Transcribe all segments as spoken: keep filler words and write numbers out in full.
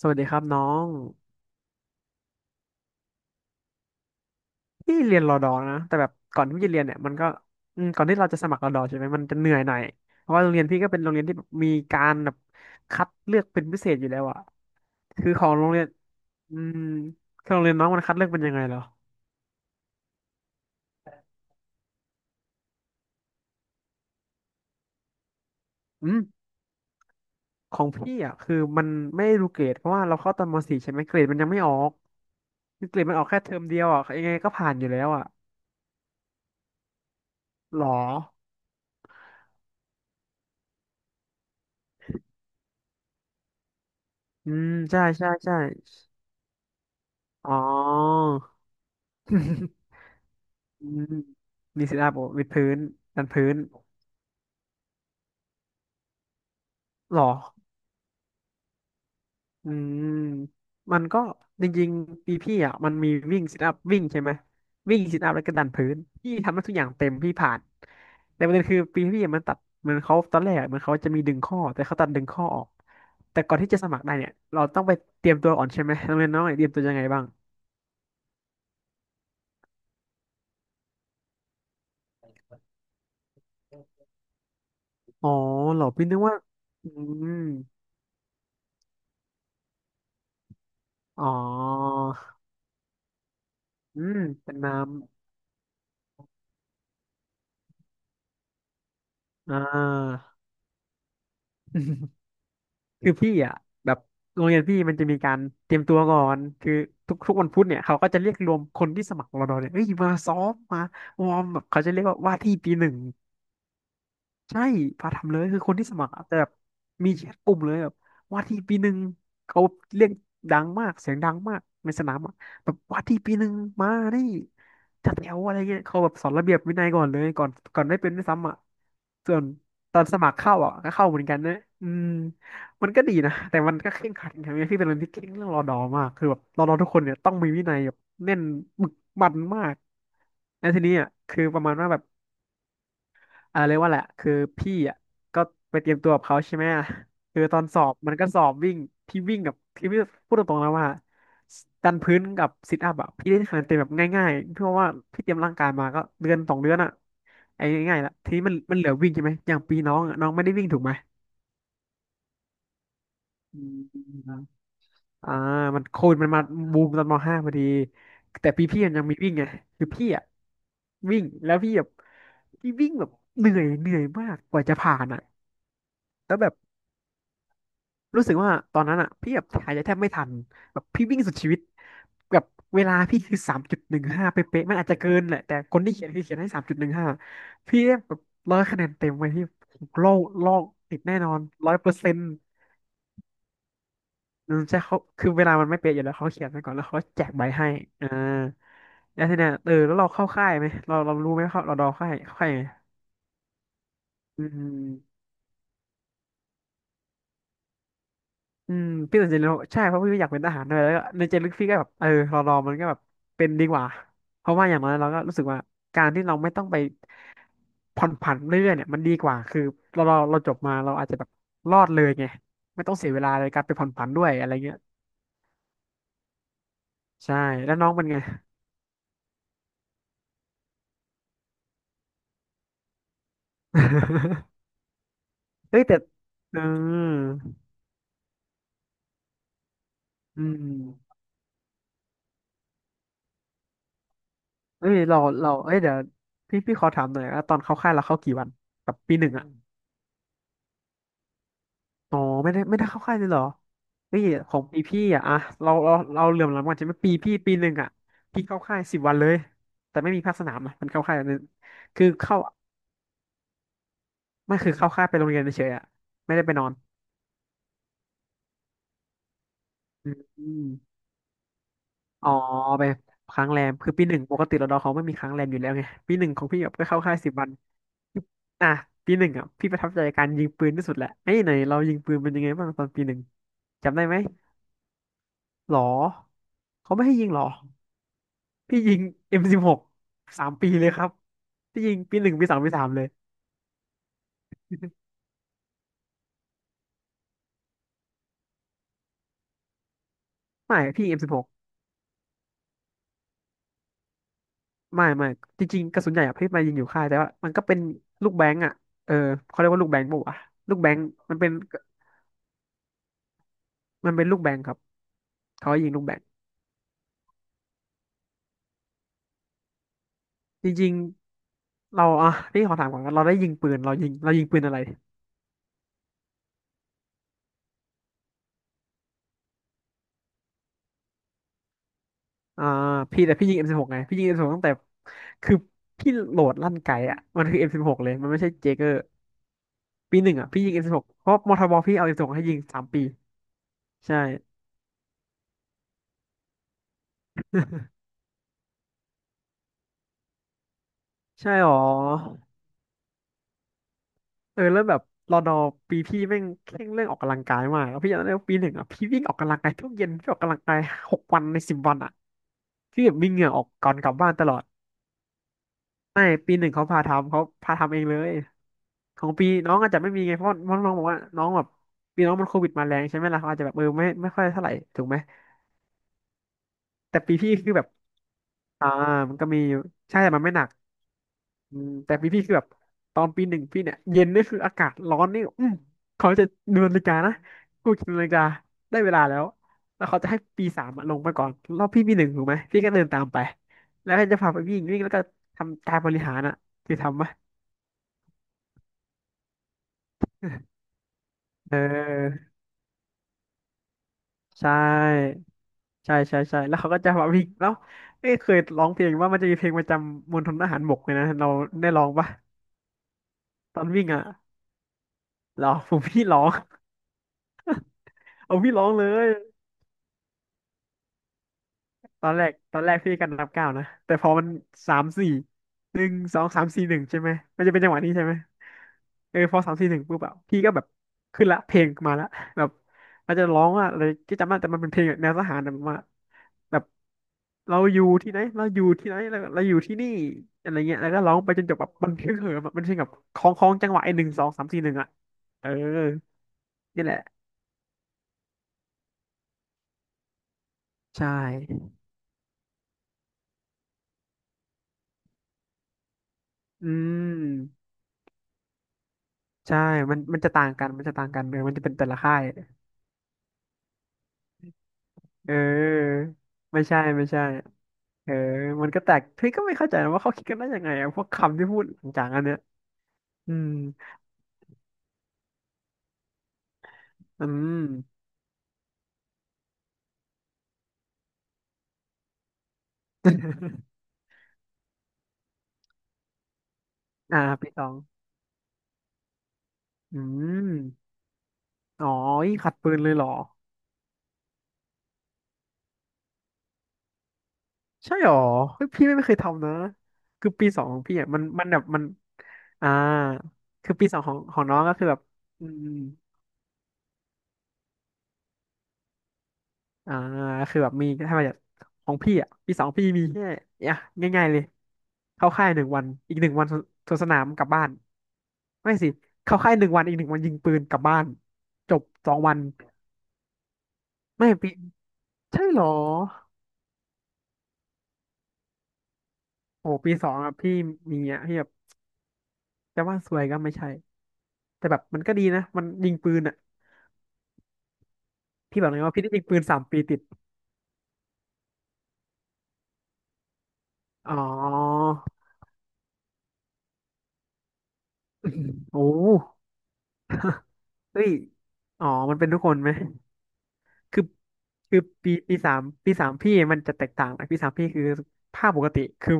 สวัสดีครับน้องพี่เรียนรอดอนะแต่แบบก่อนที่พี่จะเรียนเนี่ยมันก็อืมก่อนที่เราจะสมัครรอดอใช่ไหมมันจะเหนื่อยหน่อยเพราะว่าโรงเรียนพี่ก็เป็นโรงเรียนที่แบบมีการแบบคัดเลือกเป็นพิเศษอยู่แล้วอะคือของโรงเรียนอืมคือโรงเรียนน้องมันคัดเลือกเป็นยังไงเหรออืมของพี่อ่ะคือมันไม่ได้รู้เกรดเพราะว่าเราเข้าตอนม .สี่ ใช่ไหมเกรดมันยังไม่ออกคือเกรดมันออกแค่เทอมเดียวอ่ะยังไงก็ผ่านอยู่แล้วอ่ะหรออืมใช่ใช่ใช่อ๋อ อืมมีซิทอัพวิดพื้นดันพื้นหรออืมมันก็จริงๆปีพี่อ่ะมันมีวิ่งซิทอัพวิ่งใช่ไหมวิ่งซิทอัพแล้วก็ดันพื้นพี่ทำได้ทุกอย่างเต็มพี่ผ่านแต่ประเด็นคือปีพี่อะมันตัดเหมือนเขาตอนแรกอะเหมือนเขาจะมีดึงข้อแต่เขาตัดดึงข้อออกแต่ก่อนที่จะสมัครได้เนี่ยเราต้องไปเตรียมตัวก่อนใช่ไหมน้องเรียนน้องเตรียมตัวยังไงบ้างอ๋อเหรอพี่นึกว่าอืมอ๋ออืมเป็นน้ำอ่า คือพี่อ่ะแบบโรงเรียนพี่มันจะมีการเตรียมตัวก่อนคือทุกทุกวันพุธเนี่ยเขาก็จะเรียกรวมคนที่สมัครรอดอเนี่ยเอ้ยมาซ้อมมาวอร์มแบบเขาจะเรียกว่าว่าที่ปีหนึ่ง ใช่พาทำเลยคือคนที่สมัครอะแต่แบบมีแชทกลุ่มเลยแบบว่าที่ปีหนึ่งเขาเรียกดังมากเสียงดังมากในสนามอะแบบว่าที่ปีหนึ่งมานี่จัดแถวอะไรเงี้ยเขาแบบสอนระเบียบวินัยก่อนเลยก่อนก่อนได้เป็นด้วยซ้ำอ่ะส่วนตอนสมัครเข้าอ่ะก็เข้าเหมือนกันนะอืมมันก็ดีนะแต่มันก็เคร่งขัดอย่างเงี้ยพี่เป็นคนที่เคร่งเรื่องรอดอมากคือแบบรอดอทุกคนเนี่ยต้องมีวินัยแบบแน่นบึกบั่นมากแล้วทีนี้อ่ะคือประมาณว่าแบบ อ่าเรียกว่าแหละคือพี่อ่ะก็ไปเตรียมตัวกับเขาใช่ไหมอ่ะคือตอนสอบมันก็สอบวิ่งพี่วิ่งกับพี่พูดตรงๆแล้วว่าดันพื้นกับซิทอัพอ่ะพี่ได้คะแนนเต็มแบบง่ายๆเพราะว่าพี่เตรียมร่างกายมาก็เดือนสองเดือนอ่ะไอ้ง่ายๆละทีนี้มันมันเหลือวิ่งใช่ไหมอย่างปีน้องอะน้องไม่ได้วิ่งถูกไหมอืมอ่ามันโควิดมันมาบูมตอนมห้าพอดีแต่ปีพี่มันยังมีวิ่งไงคือพี่อ่ะวิ่งแล้วพี่แบบพี่วิ่งแบบเหนื่อยเหนื่อยมากกว่าจะผ่านอะแล้วแบบ รู้สึกว่าตอนนั้นอ่ะพี่แบบถ่ายใจแทบไม่ทันแบบพี่วิ่งสุดชีวิตแบบเวลาพี่คือสามจุดหนึ่งห้าเป๊ะๆมันอาจจะเกินแหละแต่คนที่เขียนคือเขียนให้สามจุดหนึ่งห้าพี่ได้แบบร้อยคะแนนเต็มไว้ที่โลกโลกติดแน่นอนร้อยเปอร์เซ็นต์ใช่เขาคือเวลามันไม่เป๊ะอยู่แล้วเขาเขียนไปก่อนแล้วเขาแจกใบให้อ่าแล้วทีเนี้ยเออแล้วเราเข้าค่ายไหมเราเรารู้ไหมเขาเราดอค่ายเข้าค่ายไหมอืม อืมพี่สนใจเลยนใช่เพราะพี่อยากเป็นทหารด้วยแล้วก็ในใจลึกพี่ก็แบบเออรอรอมันก็แบบเป็นดีกว่าเพราะว่าอย่างน้อยเราก็รู้สึกว่าการที่เราไม่ต้องไปผ่อนผันเรื่อยๆเนี่ยมันดีกว่าคือเราเราเราจบมาเราอาจจะแบบรอดเลยไงไม่ต้องเสียเวลาในการไปผ่อนผันด้วยอะไรเงี้ยใช่แล้วน้องเป็นไง เอ้ยแต่เอออืมเอ้ยเราเราเอ้ยเดี๋ยวพี่พี่ขอถามหน่อยว่าตอนเข้าค่ายเราเข้ากี่วันแบบปีหนึ่งอะ อ๋อไม่ได้ไม่ได้เข้าค่ายเลยเหรอเฮ้ยของปีพี่อ่ะอะเราเราเราเหลื่อมล้ำกันใช่ไหมปีพี่ปีหนึ่งอ่ะพี่เข้าค่ายสิบวันเลยแต่ไม่มีภาคสนามนะมันเข้าค่ายนึงคือเข้าไม่คือเข้าค่ายไปโรงเรียนเฉยๆอ่ะไม่ได้ไปนอนอืมอ๋อไปค้างแรมคือปีหนึ่งปกติเราดอเขาไม่มีค้างแรมอยู่แล้วไงปีหนึ่งของพี่แบบก็เข้าค่ายสิบวันอ่ะปีหนึ่งอ่ะพี่ประทับใจการยิงปืนที่สุดแหละไอ้ยไหนเรายิงปืนเป็นยังไงบ้างตอนปีหนึ่งจำได้ไหมหรอเขาไม่ให้ยิงหรอ พี่ยิง เอ็ม สิบหก สบหกสามปีเลยครับ พี่ยิงปีหนึ่งปีสองปีสามเลยไม่พี่ เอ็ม ซิกส์ทีน ไม่ไม่จริงๆกระสุนใหญ่อะพี่มายิงอยู่ค่ายแต่ว่ามันก็เป็นลูกแบงก์อ่ะเออเขาเรียกว่าลูกแบงก์ปะวะลูกแบงก์มันเป็นมันเป็นลูกแบงก์ครับเขาให้ยิงลูกแบงก์จริงๆเราอ่ะนี่ขอถามก่อนว่าเราได้ยิงปืนเรายิงเรายิงปืนอะไรอ่าพี่แต่พี่ยิง เอ็ม ซิกส์ทีน ไงพี่ยิง เอ็ม ซิกส์ทีน ตั้งแต่คือพี่โหลดลั่นไกอะมันคือ เอ็ม ซิกส์ทีน เลยมันไม่ใช่เจเกอร์ปีหนึ่งอ่ะพี่ยิง เอ็ม สิบหก เพราะมทบพี่เอา เอ็ม สิบหก ให้ยิงสามปีใช่ ใช่หรอเออแล้วแบบรอนอปีพี่แม่งเคร่งเรื่องออกกำลังกายมากแล้วพี่จำได้ว่าปีหนึ่งอ่ะพี่วิ่งออกกำลังกายทุกเย็นพี่ออกกำลังกายหกวันในสิบวันอ่ะพี่แบบมีเหงื่อออกก่อนกลับบ้านตลอดไม่ปีหนึ่งเขาพาทำเขาพาทำเองเลยของปีน้องอาจจะไม่มีไงเพราะว่าน้องบอกว่าน้องแบบปีน้องมันโควิดมาแรงใช่ไหมล่ะเขาอาจจะแบบเออไม่ไม่ค่อยเท่าไหร่ถูกไหม แต่ปีพี่คือแบบอ่ามันก็มีอยู่ใช่แต่มันไม่หนักอืมแต่ปีพี่คือแบบตอนปีหนึ่งพี่เนี่ยเย็นนี่คืออากาศร้อนนี่อืมเขาจะดูนาฬิกานะกูคิดนาฬิกาได้เวลาแล้วแล้วเขาจะให้ปีสามอะลงไปก่อนรอบพี่ปีหนึ่งถูกไหมพี่ก็เดินตามไปแล้วก็จะพาไปวิ่งวิ่งแล้วก็ทำการบริหารอ่ะคือทำปะเออใช่ใช่ใช่ใช่แล้วเขาก็จะมาวิ่งแล้วเอ้ยเคยร้องเพลงว่ามันจะมีเพลงประจำมณฑลทหารบกเลยนะเราได้ร้องปะตอนวิ่งอ่ะ ร้อ งผมพี่ร้องเอาพี่ร้องเลยตอนแรกตอนแรกพี่กันนับเก้าวนะแต่พอมันสามสี่หนึ่งสองสามสี่หนึ่งใช่ไหมมันจะเป็นจังหวะนี้ใช่ไหมเออพอสามสี่หนึ่งปุ๊บอะพี่ก็แบบขึ้นละเพลงมาละแบบอาจจะร้องว่าอะไรที่จำได้แต่มันเป็นเพลงแบบแนวทหารแบบว่าแบบเราอยู่ที่ไหนเราอยู่ที่ไหนเราเราอยู่ที่นี่อะไรเงี้ยแล้วก็ร้องไปจนจบแบบมันเพลงเหิมอะมันเพลงแบบคล้องคล้องจังหวะไอ้หนึ่งสองสามสี่หนึ่งอะเออนี่แหละใช่อืม ใช่มันมันจะต่างกัน มันจะต่างกันเออมันจะเป็นแต่ละค่าย เออ ไม่ใช่ ไม่ใช่ เออ มันก็แตกพี่ก็ไม่เข้าใจนะว่าเขาคิดกันได้ยังไงอะพวกคำที่พูดหลังจากอันเนี้ยอืมอืมอ่าปีสองอืมอ๋อยิงขัดปืนเลยเหรอใช่เหรอเฮ้ยพี่ไม่เคยทำนะคือปีสองของพี่อ่ะมันมันแบบมันอ่าคือปีสองของของน้องก็คือแบบอืมอ่าคือแบบมีถ้ามาจากของพี่อ่ะปีสองพี่มีแค่อ่ะง่ายๆ เลย เข้าค่ายหนึ่งวันอีกหนึ่งวันสวนสนามกลับบ้านไม่สิเข้าค่ายหนึ่งวันอีกหนึ่งวันยิงปืนกลับบ้านจบสองวันไม่ปีใช่เหรอโอ้ปีสองอะพี่มีอะพี่แบบจะว่าสวยก็ไม่ใช่แต่แบบมันก็ดีนะมันยิงปืนอะพี่บอกเลยว่าพี่ได้ยิงปืนสามปีติดอ๋อโอ้เฮ้ยอ๋อมันเป็นทุกคนไหม คือคือปีปีสามปีสามพี่มันจะแตกต่างนะปีสามพี่คือภาพปกติคือ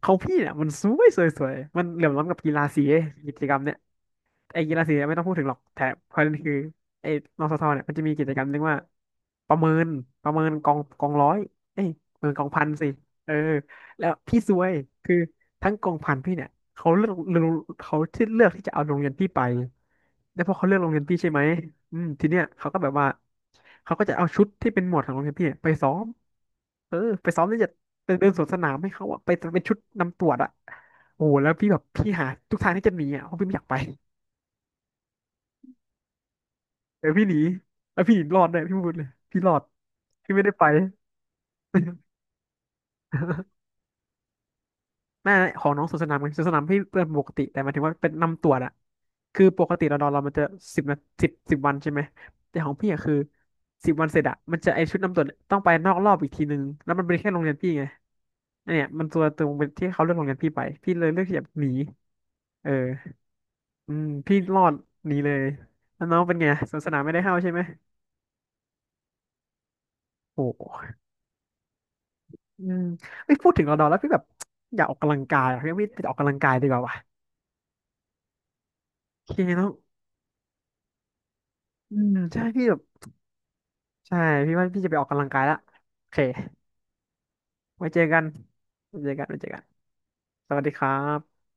เขาพี่เนี่ยมันสวยสวยสวยมันเหลื่อมล้ำกับกีฬาสีกิจกรรมเนี่ย ไอ้กีฬาสีเนี่ยไม่ต้องพูดถึงหรอกแต่ประเด็นคือไอ้นสทเนี่ยมันจะมีกิจกรรมเรียกว่าประเมินประเมินกองกองร้อยเอ้ยประเมินกองพันสิเออแล้วพี่ซวยคือทั้งกองพันพี่เนี่ยเขาเลือกเขาที่เลือกที่จะเอาโรงเรียนพี่ไปแล้วพอเขาเลือกโรงเรียนพี่ใช่ไหมอืมทีเนี้ยเขาก็แบบว่าเขาก็จะเอาชุดที่เป็นหมวดของโรงเรียนพี่ไปซ้อมเออไปซ้อมที่จะเป็นเดินสวนสนามให้เขาอะไปเป็นชุดนำตรวจอะโอ้โหแล้วพี่แบบพี่หาทุกทางที่จะหนีอะเพราะพี่ไม่อยากไป เดี๋ยวพี่หนีแล้วพี่รอดเลยพี่พูดเลยพี่รอดพี่ไม่ได้ไป น่าของน้องสวนสนามไงสวนสนามพี่เป็นปกติแต่หมายถึงว่าเป็นนำตรวจอะคือปกติเรานอนเรามันจะสิบนาสิบสิบวันใช่ไหมแต่ของพี่อะคือสิบวันเสร็จอะมันจะไอชุดนำตรวจต้องไปนอกรอบอีกทีนึงแล้วมันเป็นแค่โรงเรียนพี่ไงอันเนี่ยมันตัวตรงเป็นที่เขาเลือกโรงเรียนพี่ไปพี่เลยเลือกที่จะหนีเอออืมพี่รอดหนีเลยแล้วน้องเป็นไงสวนสนามไม่ได้เข้าใช่ไหมโอ้ อืมไม่พูดถึงรอดอแล้วพี่แบบอยากออกกำลังกายอะพี่พี่ไปออกกำลังกายดีกว่าวะโอเคเนาะอืมใช่พี่แบบใช่พี่ว่าพี่จะไปออกกำลังกายละโอเคไว้เจอกันไว้เจอกัน ไว้เจอกัน สวัสดีครับ